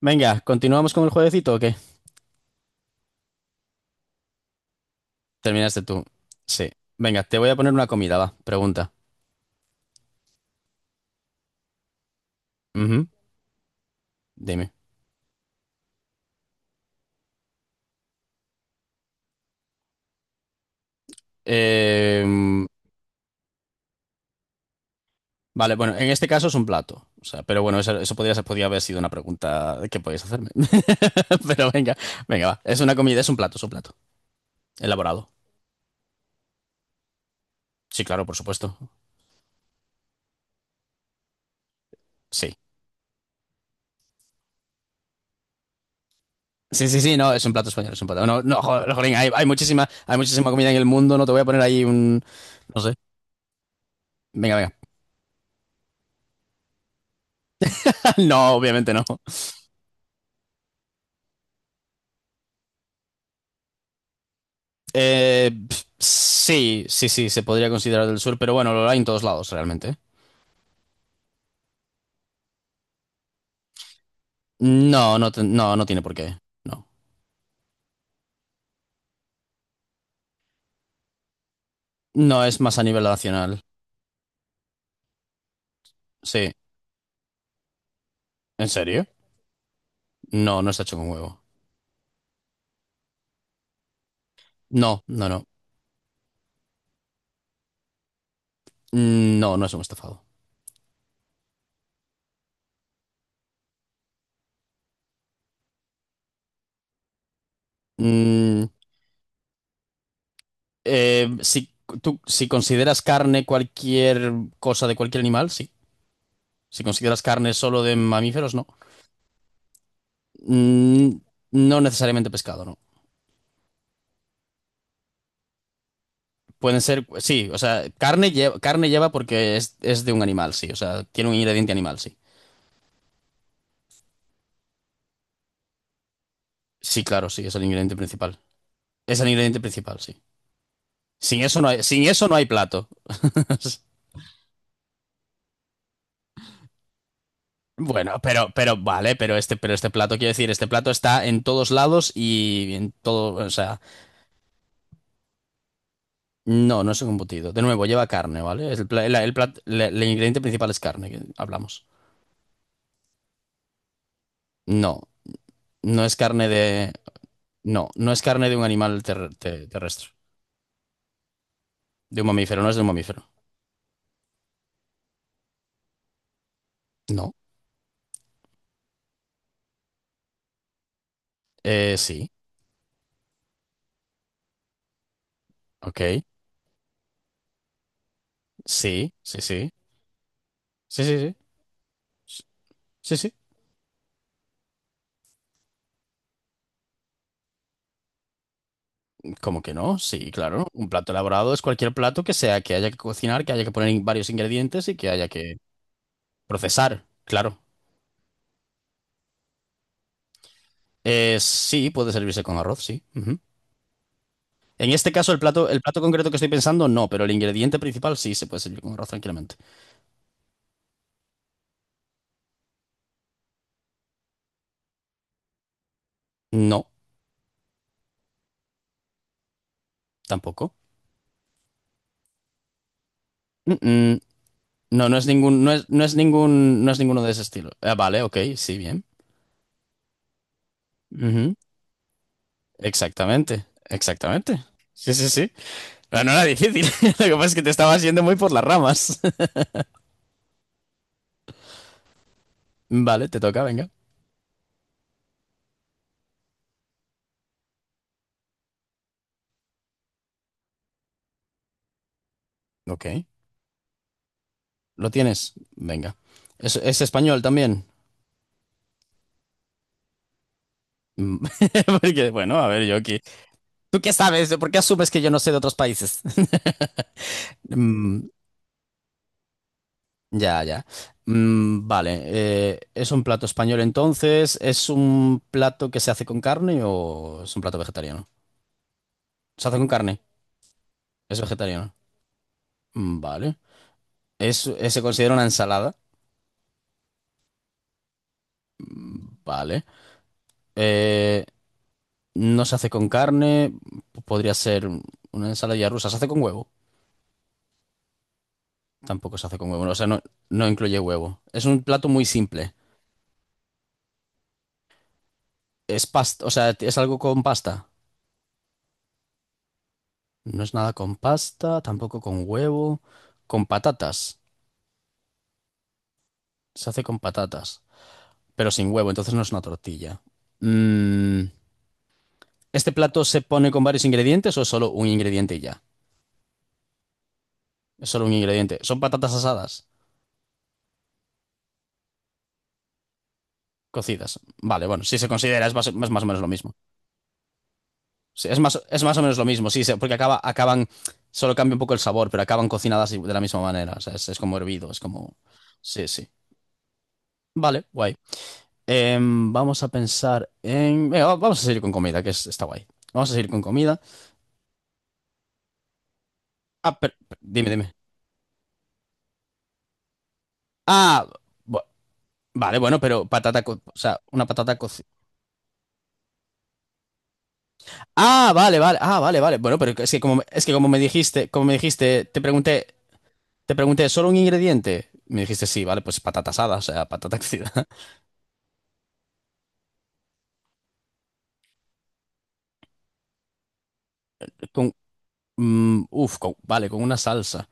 Venga, ¿continuamos con el jueguecito o qué? Terminaste tú. Sí. Venga, te voy a poner una comida, va. Pregunta. Ujú. Dime. Em, vale, bueno, en este caso es un plato. O sea, pero bueno, eso podría, podría haber sido una pregunta que podías hacerme. Pero venga, venga, va. Es una comida, es un plato, es un plato. Elaborado. Sí, claro, por supuesto. Sí. Sí, sí, sí, no, es un plato español, es un plato. No, no, jolín, hay, hay muchísima comida en el mundo, no te voy a poner ahí un, no sé. Venga, venga. No, obviamente no. Pf, sí, sí, sí, se podría considerar del sur, pero bueno, lo hay en todos lados realmente. No, no, no, no tiene por qué. No. No, es más a nivel nacional. Sí. ¿En serio? No, no está hecho con huevo. No, no, no. No, no es un estofado. Mm, eh, si, tú, si consideras carne cualquier cosa de cualquier animal, sí. Si consideras carne solo de mamíferos, no. Mm, no necesariamente pescado, no. Pueden ser, sí, o sea, carne lleva porque es de un animal, sí, o sea, tiene un ingrediente animal, sí. Sí, claro, sí, es el ingrediente principal. Es el ingrediente principal, sí. Sin eso no hay, sin eso no hay plato. Bueno, pero vale, pero este plato, quiero decir, este plato está en todos lados y en todo, o sea, no, no es un embutido. De nuevo, lleva carne, ¿vale? El, el el ingrediente principal es carne, que hablamos. No, no es carne de, no, no es carne de un animal terrestre, de un mamífero, no es de un mamífero. No. Sí. Ok. Sí, sí, sí. Sí, sí, sí. Sí, sí. ¿Cómo que no? Sí, claro. Un plato elaborado es cualquier plato que sea que haya que cocinar, que haya que poner varios ingredientes y que haya que procesar. Claro. Sí, puede servirse con arroz, sí. Ujú. En este caso, el plato concreto que estoy pensando, no, pero el ingrediente principal sí se puede servir con arroz tranquilamente. No, tampoco. Mm, mm. No, no es ningún, no es, no es ningún, no es ninguno de ese estilo. Ah, vale, ok, sí, bien. Exactamente, exactamente. Sí, sí, sí. Pero no era difícil. Lo que pasa es que te estabas yendo muy por las ramas. Vale, te toca, venga. Ok. ¿Lo tienes? Venga. Es español también? Mm. Porque, bueno, a ver, yo aquí. ¿Tú qué sabes? ¿Por qué asumes que yo no sé de otros países? Mm, ya, ya. Mm, vale. ¿Es un plato español entonces? ¿Es un plato que se hace con carne o es un plato vegetariano? Se hace con carne. Es vegetariano. Mm, vale. ¿Es, se considera una ensalada? Vale. Eh, no se hace con carne, podría ser una ensalada rusa. Se hace con huevo. Tampoco se hace con huevo, o sea, no, no incluye huevo. Es un plato muy simple. Es pasta, o sea, es algo con pasta. No es nada con pasta, tampoco con huevo, con patatas. Se hace con patatas, pero sin huevo, entonces no es una tortilla. Mm, ¿este plato se pone con varios ingredientes o es solo un ingrediente y ya? Es solo un ingrediente. Son patatas asadas, cocidas. Vale, bueno, si se considera es más o menos lo mismo. Sí, es más o menos lo mismo, sí, porque acaba, acaban, solo cambia un poco el sabor, pero acaban cocinadas de la misma manera. O sea, es como hervido, es como. Sí, sí. Vale, guay. Vamos a pensar en. Venga, vamos a seguir con comida, que está guay. Vamos a seguir con comida. Ah, pero, dime, dime. Ah, bu- vale, bueno, pero patata, o sea, una patata cocida. Ah, vale, vale, ah, vale, vale. Bueno, pero es que como me dijiste, te pregunté, ¿solo un ingrediente? Me dijiste sí, vale, pues patata asada, o sea, patata cocida. Con, mm, uf, vale, con una salsa.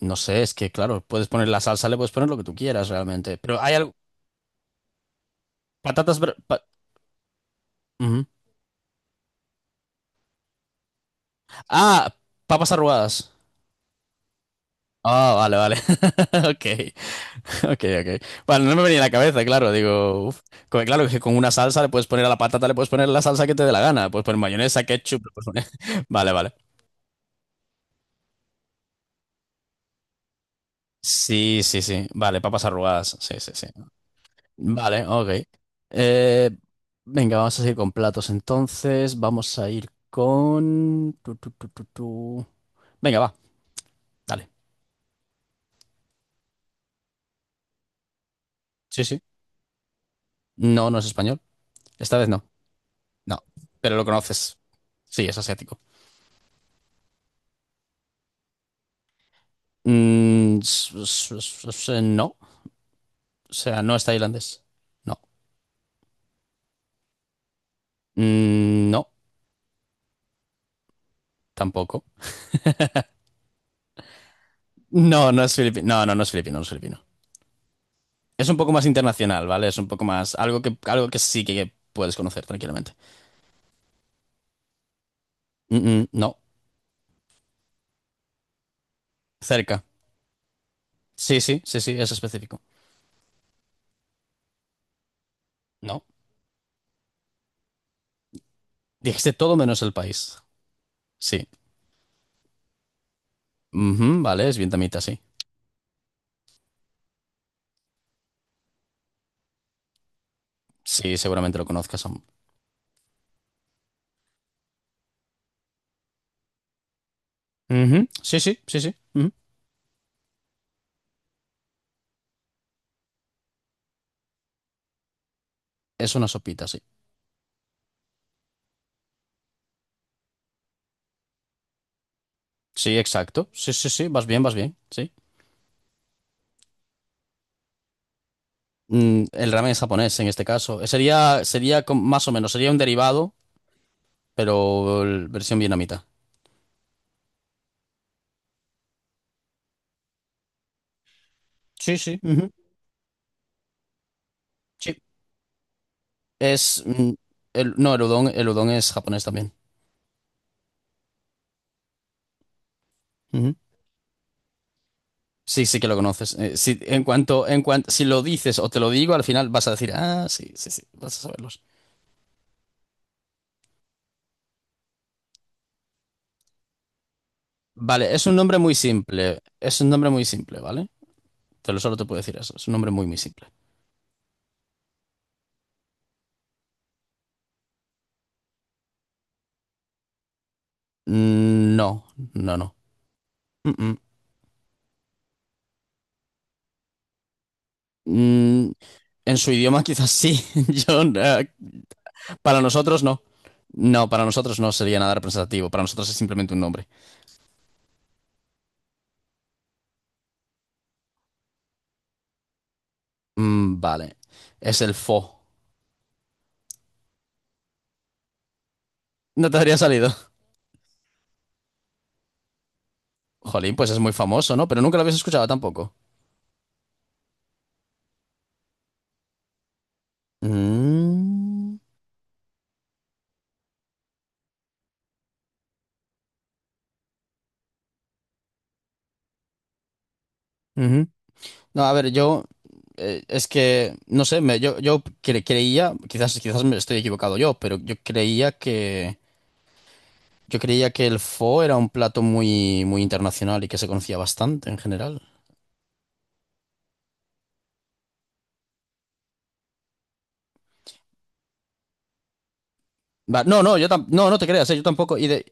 No sé, es que claro, puedes poner la salsa, le puedes poner lo que tú quieras realmente. Pero hay algo. Patatas. Ujú. Ah, papas arrugadas. Ah, vale, vale. Ok, ok, ok. Bueno, no me venía a la cabeza, claro. Digo, uf. Claro que con una salsa le puedes poner a la patata, le puedes poner la salsa que te dé la gana. Puedes poner mayonesa, ketchup. Le puedes poner. Vale, vale. Sí, sí, sí. Vale, papas arrugadas. Sí, sí, sí. Vale, ok. Eh, venga, vamos a seguir con platos entonces. Vamos a ir con... tu, tu, tu, tu, tu. Venga, va, dale. Sí, sí. No, no es español. Esta vez no. No, pero lo conoces. Sí, es asiático. Mm, no. O sea, no es tailandés. No. Mm, no, tampoco. No, no es filipino. No, no, no es filipino, no es filipino. Es un poco más internacional, ¿vale? Es un poco más... algo que sí que puedes conocer tranquilamente. Mm, mm, no. Cerca. Sí, sí, sí, sí, es específico. No. Dijiste todo menos el país. Sí. Ujú, vale, es vietnamita, sí. Sí, seguramente lo conozcas aún. Ujú. Sí, sí, sí, sí, ujú. Es una sopita, sí. Sí, exacto. Sí, sí, sí, vas bien, sí. Mm, el ramen es japonés en este caso. Sería, sería más o menos, sería un derivado, pero versión vietnamita. Sí, sí, ujú. Sí. Es, mm, el, no, el udon es japonés también. Sí, sí que lo conoces. Sí, en cuanto, si lo dices o te lo digo, al final vas a decir, ah, sí, sí, sí, vas a saberlos. Vale, es un nombre muy simple. Es un nombre muy simple, ¿vale? Te lo solo te puedo decir eso. Es un nombre muy, muy simple. Mm, no, no, no. Mm, mm. Mm, en su idioma quizás sí. Yo, para nosotros no. No, para nosotros no sería nada representativo. Para nosotros es simplemente un nombre. Mm, vale. Es el Fo. No te habría salido. Jolín, pues es muy famoso, ¿no? Pero nunca lo habías escuchado tampoco. Mm, ujú. No, a ver, yo es que no sé, me, yo creía, quizás, quizás me estoy equivocado yo, pero yo creía que el pho era un plato muy, muy internacional y que se conocía bastante en general. Va, no, no, yo no, no te creas, yo tampoco, y de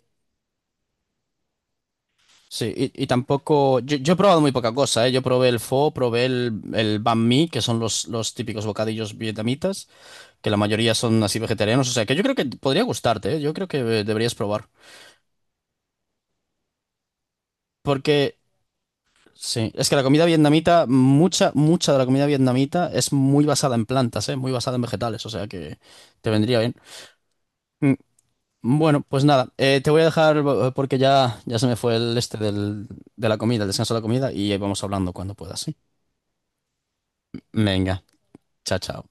sí, y tampoco. Yo he probado muy poca cosa, eh. Yo probé el pho, probé el banh mi, que son los típicos bocadillos vietnamitas, que la mayoría son así vegetarianos. O sea que yo creo que podría gustarte, eh. Yo creo que deberías probar. Porque, sí, es que la comida vietnamita, mucha, mucha de la comida vietnamita es muy basada en plantas, ¿eh? Muy basada en vegetales, o sea que te vendría bien. Mm, bueno, pues nada, te voy a dejar porque ya, ya se me fue el este del, de la comida, el descanso de la comida, y vamos hablando cuando puedas, ¿sí? Venga, chao, chao.